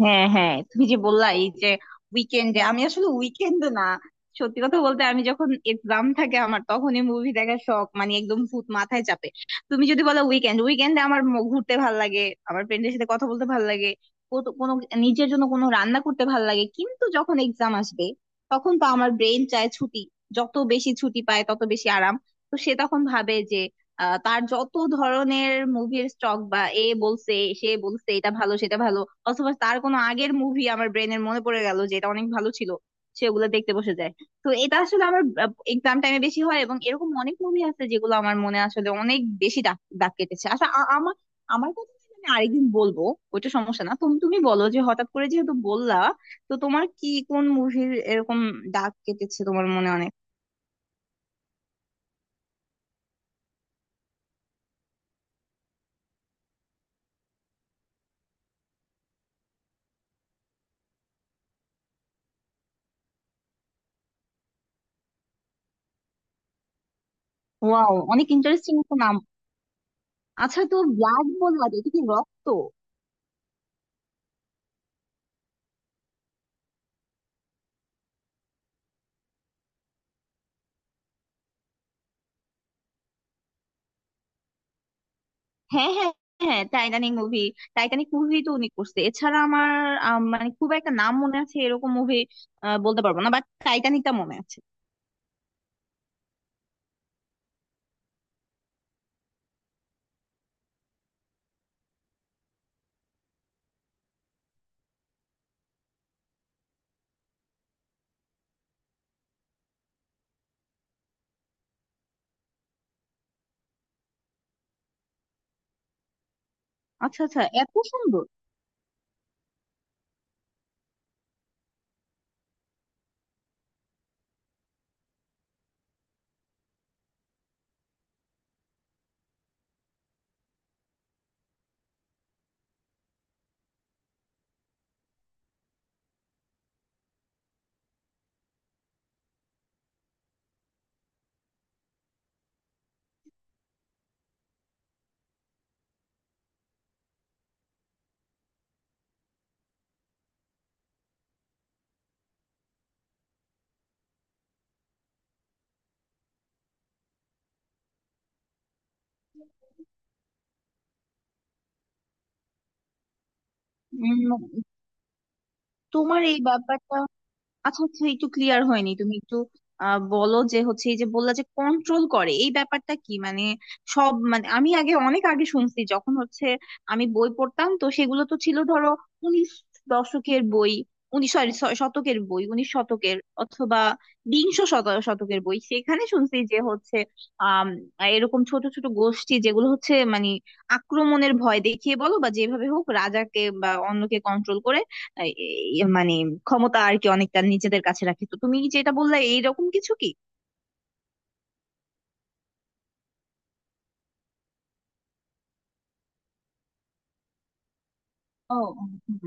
হ্যাঁ হ্যাঁ, তুমি যে বললা এই যে উইকেন্ডে, আমি আসলে উইকেন্ডে না, সত্যি কথা বলতে আমি যখন এক্সাম থাকে আমার তখনই মুভি দেখার শখ, মানে একদম ভূত মাথায় চাপে। তুমি যদি বলো উইকেন্ড, উইকেন্ডে আমার ঘুরতে ভাল লাগে, আমার ফ্রেন্ডের সাথে কথা বলতে ভাল লাগে, কোনো নিজের জন্য কোনো রান্না করতে ভাল লাগে। কিন্তু যখন এক্সাম আসবে, তখন তো আমার ব্রেন চায় ছুটি, যত বেশি ছুটি পায় তত বেশি আরাম। তো সে তখন ভাবে যে তার যত ধরনের মুভির স্টক বা এ বলছে, সে বলছে এটা ভালো সেটা ভালো, অথবা তার কোনো আগের মুভি আমার ব্রেনের মনে পড়ে গেল যে এটা অনেক ভালো ছিল, সেগুলো দেখতে বসে যায়। তো এটা আসলে আমার এক্সাম টাইমে বেশি হয়। এবং এরকম অনেক মুভি আছে যেগুলো আমার মনে আসলে অনেক বেশি দাগ দাগ কেটেছে। আচ্ছা, আমার আমার কথা নিয়ে আমি আরেকদিন বলবো, ওইটা সমস্যা না। তুমি তুমি বলো, যে হঠাৎ করে যেহেতু বললা, তো তোমার কি কোন মুভির এরকম দাগ কেটেছে তোমার মনে অনেক? ওয়াও, অনেক ইন্টারেস্টিং একটা নাম। আচ্ছা, তো ব্লাড বললা, যে এটা কি রক্ত? হ্যাঁ হ্যাঁ হ্যাঁ, টাইটানিক মুভি, টাইটানিক মুভি তো উনি করছে। এছাড়া আমার মানে খুব একটা নাম মনে আছে এরকম মুভি বলতে পারবো না, বাট টাইটানিকটা মনে আছে। আচ্ছা আচ্ছা, এত সুন্দর! উম, তোমার এই ব্যাপারটা আচ্ছা আচ্ছা একটু ক্লিয়ার হয়নি, তুমি একটু বলো যে হচ্ছে এই যে বললা যে কন্ট্রোল করে, এই ব্যাপারটা কি মানে? সব মানে আমি আগে, অনেক আগে শুনছি, যখন হচ্ছে আমি বই পড়তাম, তো সেগুলো তো ছিল ধরো উনিশ দশকের বই উনিশ সরি শতকের বই, উনিশ শতকের অথবা বিংশ শতকের বই, সেখানে শুনছি যে হচ্ছে আহ এরকম ছোট ছোট গোষ্ঠী যেগুলো হচ্ছে মানে আক্রমণের ভয় দেখিয়ে বলো বা যেভাবে হোক রাজাকে বা অন্যকে কন্ট্রোল করে এই মানে ক্ষমতা আর কি অনেকটা নিজেদের কাছে রাখে। তো তুমি যেটা বললে এইরকম কিছু কি? ও, হুম।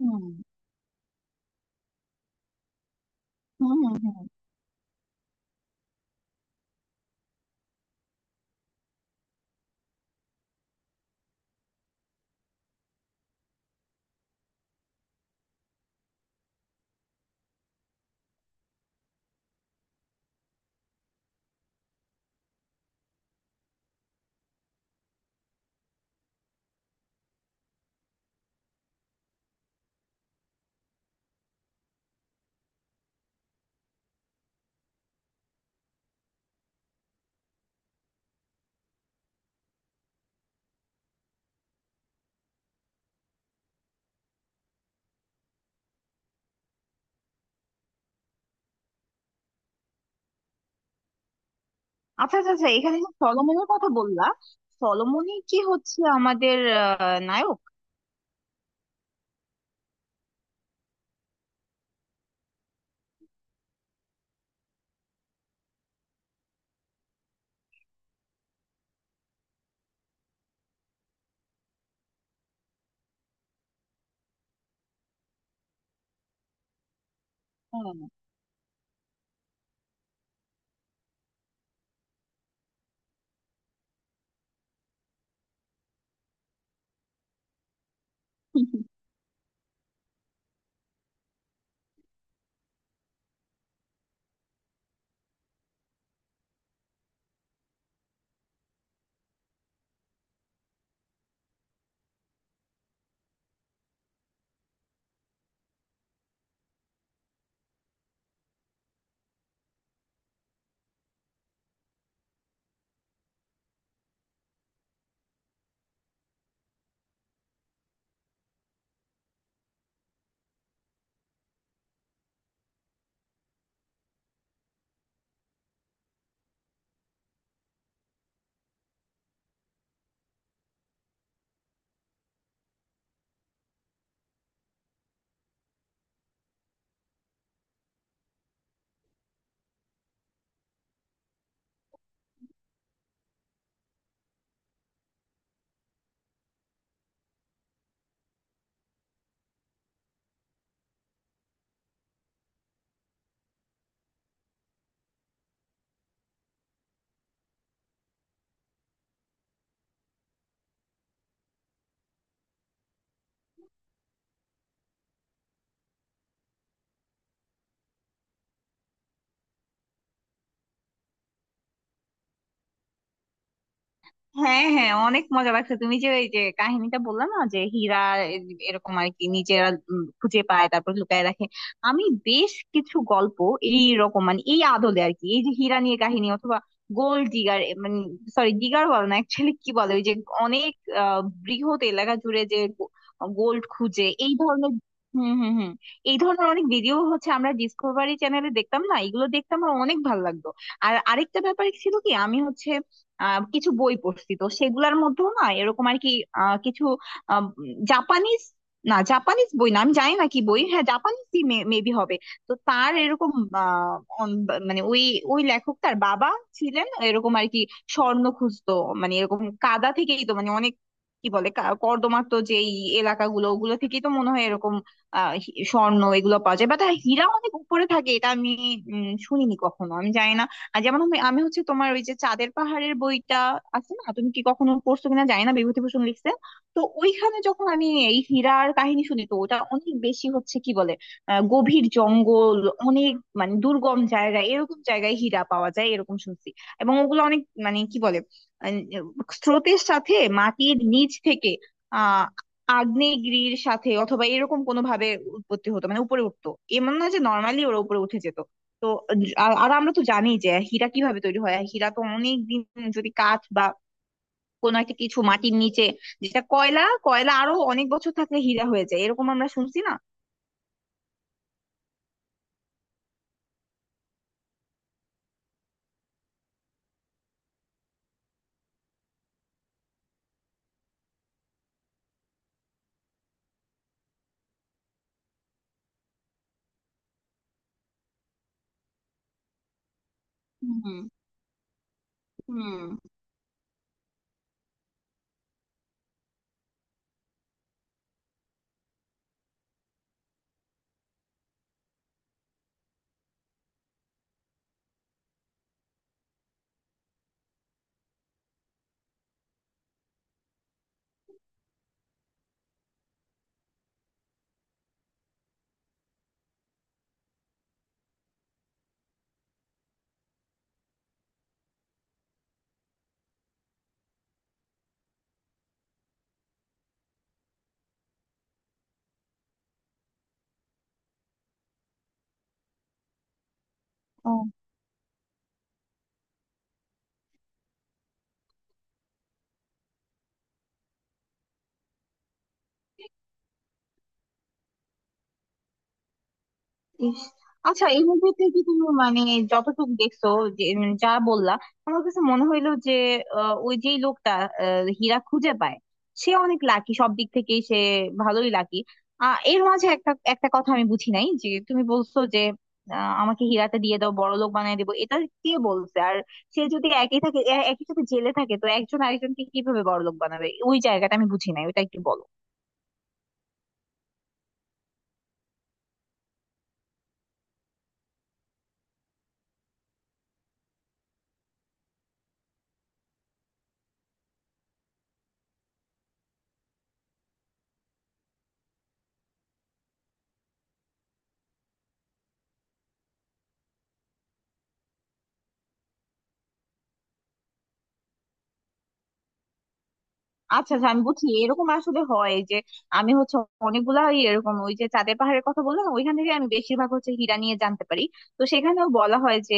হুম হুম হুম হুম। আচ্ছা আচ্ছা আচ্ছা, এখানে যে সলোমনের কথা বললা, সলোমনই কি হচ্ছে আমাদের নায়ক? হ্যাঁ হ্যাঁ, অনেক মজা লাগছে। তুমি যে এই যে কাহিনীটা বললে না, যে হীরা এ- এরকম আর কি নিজেরা খুঁজে পায় তারপর লুকায় রাখে, আমি বেশ কিছু গল্প এই রকম মানে এই আদলে আর কি, এই যে হীরা নিয়ে কাহিনী, অথবা গোল্ড ডিগার, মানে সরি, ডিগার বলে না অ্যাকচুয়ালি, কি বলে ওই যে অনেক বৃহৎ এলাকা জুড়ে যে গোল্ড খুঁজে এই ধরনের। হুম হুম হুম এই ধরনের অনেক ভিডিও হচ্ছে আমরা ডিসকভারি চ্যানেলে দেখতাম না, এগুলো দেখতাম, আমার অনেক ভালো লাগতো। আর আরেকটা ব্যাপার ছিল কি, আমি হচ্ছে কিছু বই পড়ছি, তো সেগুলার মধ্যেও না এরকম আর কি কিছু আম, জাপানিজ, না জাপানিজ বই না, আমি জানি না কি বই, হ্যাঁ জাপানিজই মেবি হবে। তো তার এরকম আহ, অন- মানে ওই ওই লেখক, তার বাবা ছিলেন এরকম আর কি, স্বর্ণ খুঁজতো। মানে এরকম কাদা থেকেই তো মানে অনেক কি বলে কর্দমাক্ত যেই এলাকাগুলো, ওগুলো থেকেই তো মনে হয় এরকম স্বর্ণ এগুলো পাওয়া যায়, বাট হীরা অনেক উপরে থাকে, এটা আমি শুনিনি কখনো, আমি জানি না। আর যেমন, আমি আমি হচ্ছে তোমার ওই যে চাঁদের পাহাড়ের বইটা আছে না, তুমি কি কখনো পড়ছো কিনা জানি না, বিভূতিভূষণ লিখছে। তো ওইখানে যখন আমি এই হীরার কাহিনী শুনি, তো ওটা অনেক বেশি হচ্ছে কি বলে গভীর জঙ্গল, অনেক মানে দুর্গম জায়গায়, এরকম জায়গায় হীরা পাওয়া যায় এরকম শুনছি। এবং ওগুলো অনেক মানে কি বলে আহ, স্রোতের সাথে মাটির নিচ থেকে আহ আগ্নেয়গিরির সাথে অথবা এরকম কোনো ভাবে উৎপত্তি হতো, মানে উপরে উঠতো, এমন না যে নর্মালি ওরা উপরে উঠে যেত। তো আর আর আমরা তো জানি যে হীরা কিভাবে তৈরি হয়, হীরা তো অনেক দিন যদি কাঠ বা কোনো একটা কিছু মাটির নিচে, যেটা কয়লা কয়লা আরো অনেক বছর থাকলে হীরা হয়ে যায়, এরকম আমরা শুনছি না? হুম হুম ইস! আচ্ছা, এই মুভিতে কি তুমি মানে যতটুকু দেখছো, যে যা বললা আমার কাছে মনে হইলো যে ওই যে লোকটা হীরা খুঁজে পায় সে অনেক লাকি, সব দিক থেকেই সে ভালোই লাকি। এর মাঝে একটা একটা কথা আমি বুঝি নাই, যে তুমি বলছো যে আমাকে হীরাটা দিয়ে দাও বড় লোক বানিয়ে দেবো, এটা কে বলছে? আর সে যদি একই থাকে, একই সাথে জেলে থাকে, তো একজন আরেকজনকে কিভাবে বড় লোক বানাবে? ওই জায়গাটা আমি বুঝি নাই, ওটা একটু বলো। আচ্ছা আচ্ছা, আমি বুঝছি। এরকম আসলে হয় যে আমি হচ্ছে অনেকগুলা ওই এরকম ওই যে চাঁদের পাহাড়ের কথা বললাম না, ওইখান থেকে আমি বেশিরভাগ হচ্ছে হীরা নিয়ে জানতে পারি। তো সেখানেও বলা হয় যে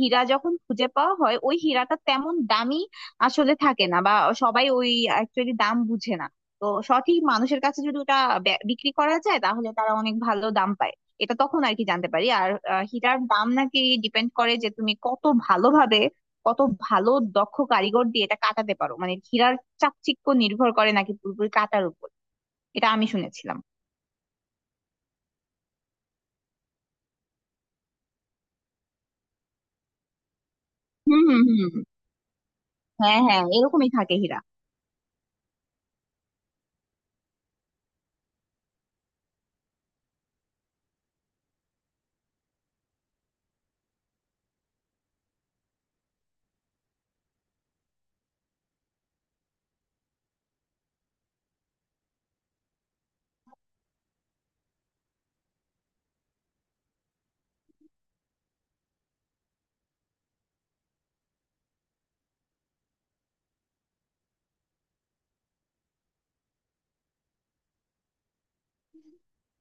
হীরা যখন খুঁজে পাওয়া হয় ওই হীরাটা তেমন দামি আসলে থাকে না, বা সবাই ওই অ্যাকচুয়ালি দাম বুঝে না। তো সঠিক মানুষের কাছে যদি ওটা বিক্রি করা যায় তাহলে তারা অনেক ভালো দাম পায়, এটা তখন আর কি জানতে পারি। আর হীরার দাম নাকি ডিপেন্ড করে যে তুমি কত ভালোভাবে, কত ভালো দক্ষ কারিগর দিয়ে এটা কাটাতে পারো, মানে চাকচিক্য নির্ভর করে নাকি পুরোপুরি কাটার উপর, এটা আমি শুনেছিলাম। হুম হুম হুম হ্যাঁ হ্যাঁ, এরকমই থাকে হীরা।